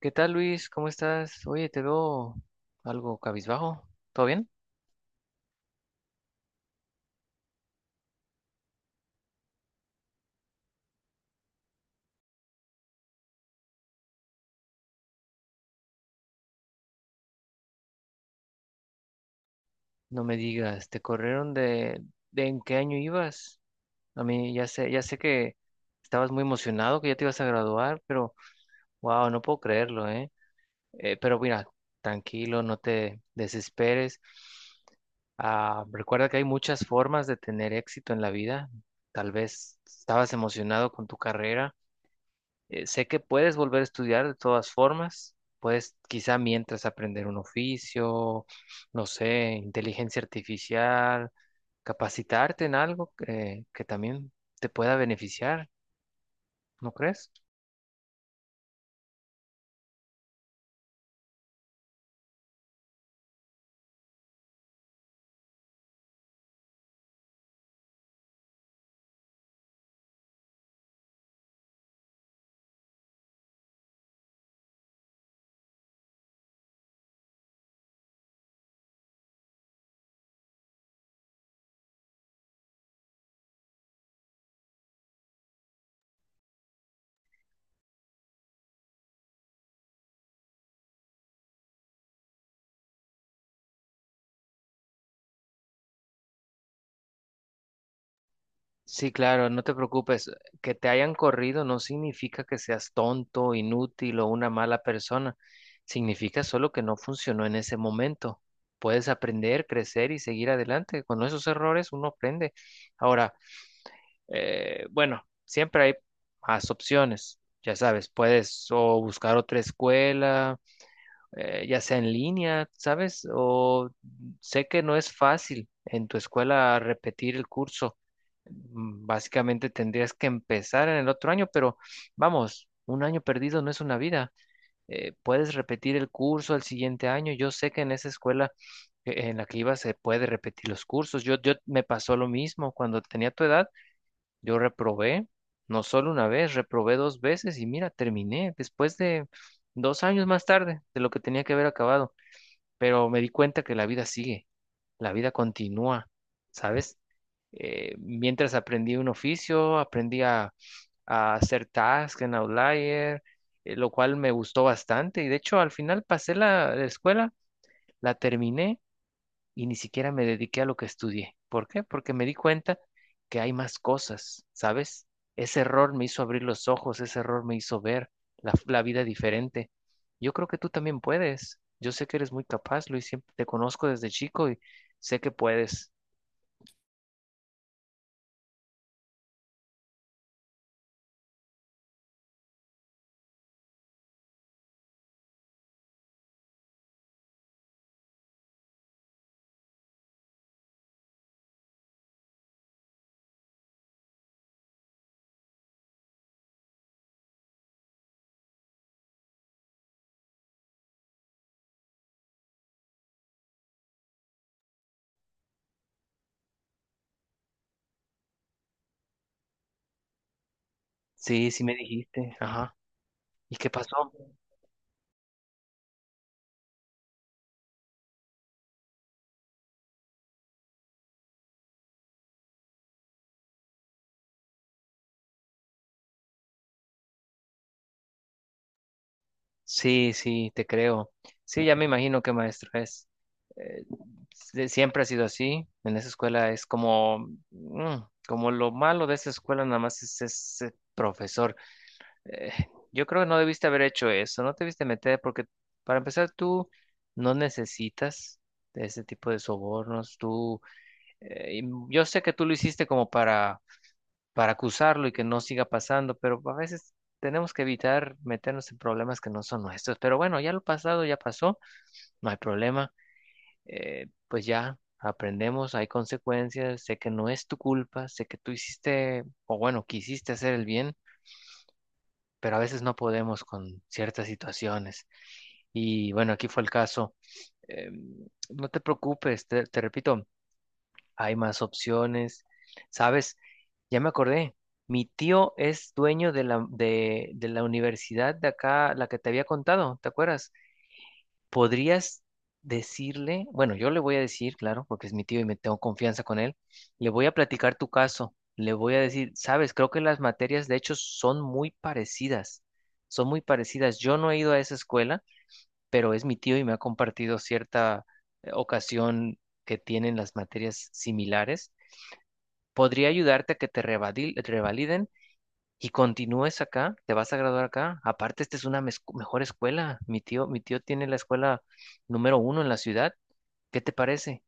¿Qué tal, Luis? ¿Cómo estás? Oye, te veo algo cabizbajo. ¿Todo bien? No me digas, ¿te corrieron de en qué año ibas? A mí ya sé que estabas muy emocionado, que ya te ibas a graduar, pero wow, no puedo creerlo, ¿eh? Pero mira, tranquilo, no te desesperes. Recuerda que hay muchas formas de tener éxito en la vida. Tal vez estabas emocionado con tu carrera. Sé que puedes volver a estudiar de todas formas, puedes quizá mientras aprender un oficio, no sé, inteligencia artificial, capacitarte en algo que también te pueda beneficiar, ¿no crees? Sí, claro, no te preocupes, que te hayan corrido no significa que seas tonto, inútil o una mala persona, significa solo que no funcionó en ese momento. Puedes aprender, crecer y seguir adelante. Con esos errores uno aprende. Ahora, bueno, siempre hay más opciones. Ya sabes, puedes o buscar otra escuela, ya sea en línea, ¿sabes? O sé que no es fácil en tu escuela repetir el curso. Básicamente tendrías que empezar en el otro año, pero vamos, un año perdido no es una vida. Puedes repetir el curso el siguiente año. Yo sé que en esa escuela en la que iba se puede repetir los cursos. Yo me pasó lo mismo cuando tenía tu edad. Yo reprobé, no solo una vez, reprobé dos veces y mira, terminé después de dos años más tarde de lo que tenía que haber acabado. Pero me di cuenta que la vida sigue, la vida continúa, ¿sabes? Mientras aprendí un oficio, aprendí a hacer tasks en Outlier, lo cual me gustó bastante. Y de hecho, al final pasé la escuela, la terminé y ni siquiera me dediqué a lo que estudié. ¿Por qué? Porque me di cuenta que hay más cosas, ¿sabes? Ese error me hizo abrir los ojos, ese error me hizo ver la vida diferente. Yo creo que tú también puedes. Yo sé que eres muy capaz, Luis, siempre te conozco desde chico y sé que puedes. Sí, sí me dijiste. Ajá. ¿Y qué pasó? Sí, sí, te creo. Sí, ya me imagino qué maestro es. Eh, siempre ha sido así. En esa escuela es como, como lo malo de esa escuela nada más es ese profesor. Eh, yo creo que no debiste haber hecho eso, no te debiste meter porque para empezar tú no necesitas de ese tipo de sobornos. Y yo sé que tú lo hiciste como para acusarlo y que no siga pasando, pero a veces tenemos que evitar meternos en problemas que no son nuestros. Pero bueno, ya lo pasado ya pasó, no hay problema, pues ya aprendemos, hay consecuencias, sé que no es tu culpa, sé que tú hiciste, o bueno, quisiste hacer el bien, pero a veces no podemos con ciertas situaciones. Y bueno, aquí fue el caso. No te preocupes, te repito, hay más opciones. ¿Sabes? Ya me acordé. Mi tío es dueño de la universidad de acá, la que te había contado, ¿te acuerdas? ¿Podrías decirle? Bueno, yo le voy a decir, claro, porque es mi tío y me tengo confianza con él. Le voy a platicar tu caso. Le voy a decir, sabes, creo que las materias de hecho son muy parecidas. Son muy parecidas. Yo no he ido a esa escuela, pero es mi tío y me ha compartido cierta ocasión que tienen las materias similares, podría ayudarte a que te revaliden y continúes acá, te vas a graduar acá. Aparte, esta es una mejor escuela. Mi tío tiene la escuela número uno en la ciudad. ¿Qué te parece?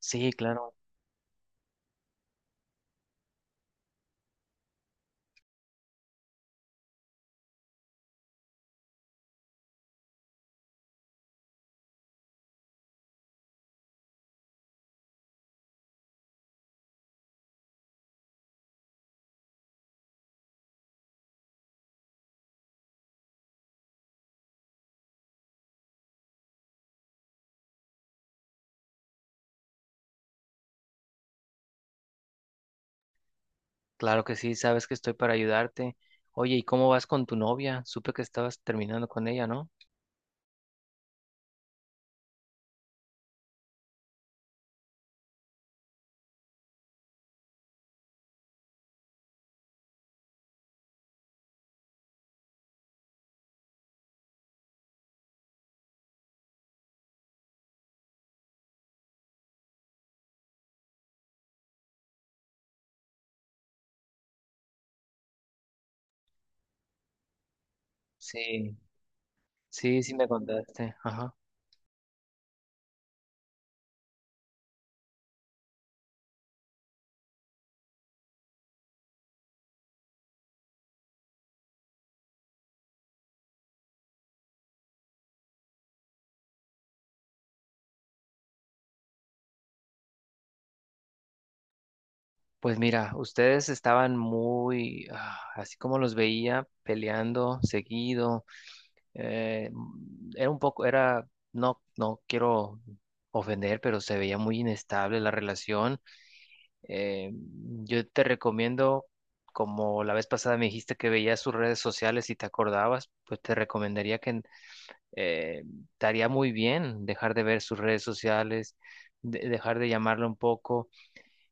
Sí, claro, claro que sí, sabes que estoy para ayudarte. Oye, ¿y cómo vas con tu novia? Supe que estabas terminando con ella, ¿no? Sí, sí, sí me contaste. Ajá. Pues mira, ustedes estaban muy, así como los veía, peleando seguido. Era un poco, no, no quiero ofender, pero se veía muy inestable la relación. Eh, yo te recomiendo, como la vez pasada me dijiste que veías sus redes sociales y te acordabas, pues te recomendaría que eh, te haría muy bien dejar de ver sus redes sociales, dejar de llamarle un poco,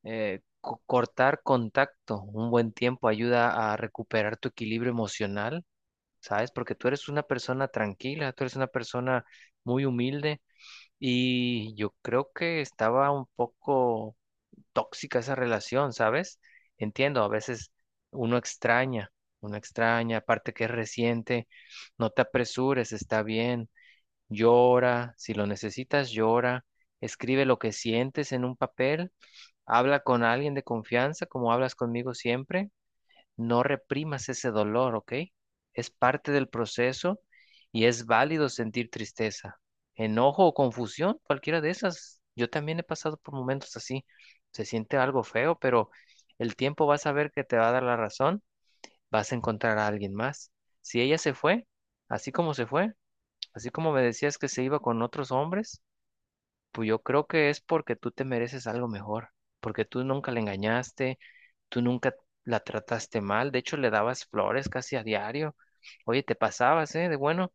cortar contacto un buen tiempo ayuda a recuperar tu equilibrio emocional, ¿sabes? Porque tú eres una persona tranquila, tú eres una persona muy humilde y yo creo que estaba un poco tóxica esa relación, ¿sabes? Entiendo, a veces uno extraña, uno extraña, aparte que es reciente, no te apresures, está bien, llora, si lo necesitas, llora. Escribe lo que sientes en un papel, habla con alguien de confianza, como hablas conmigo siempre, no reprimas ese dolor, ¿ok? Es parte del proceso y es válido sentir tristeza, enojo o confusión, cualquiera de esas. Yo también he pasado por momentos así. Se siente algo feo, pero el tiempo vas a ver que te va a dar la razón, vas a encontrar a alguien más. Si ella se fue, así como se fue, así como me decías que se iba con otros hombres, pues yo creo que es porque tú te mereces algo mejor, porque tú nunca le engañaste. Tú nunca la trataste mal, de hecho le dabas flores casi a diario. Oye, te pasabas, ¿eh? De bueno.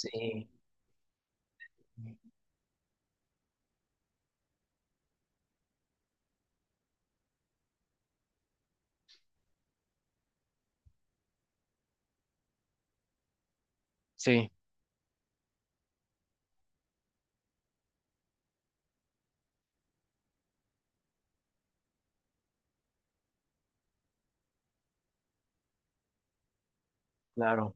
Sí, sí, claro,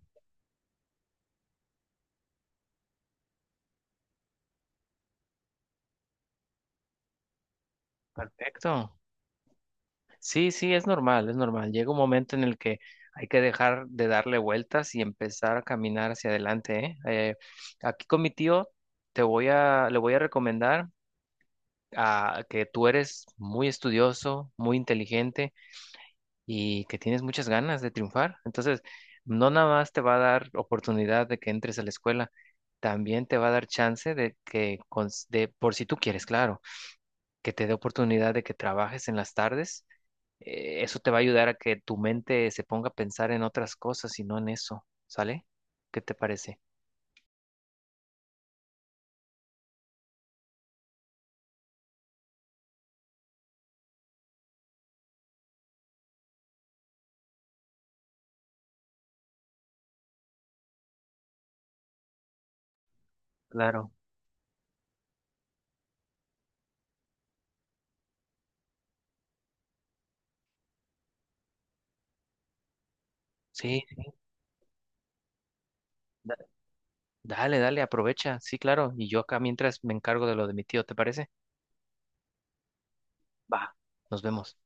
perfecto. Sí, sí, es normal, es normal. Llega un momento en el que hay que dejar de darle vueltas y empezar a caminar hacia adelante, ¿eh? Eh, aquí con mi tío te voy a, le voy a recomendar a, que tú eres muy estudioso, muy inteligente, y que tienes muchas ganas de triunfar. Entonces, no nada más te va a dar oportunidad de que entres a la escuela, también te va a dar chance de que, por si tú quieres, claro, que te dé oportunidad de que trabajes en las tardes. Eso te va a ayudar a que tu mente se ponga a pensar en otras cosas y no en eso, ¿sale? ¿Qué te parece? Claro. Sí, da- dale, dale, aprovecha. Sí, claro. Y yo acá mientras me encargo de lo de mi tío, ¿te parece? Va. Nos vemos.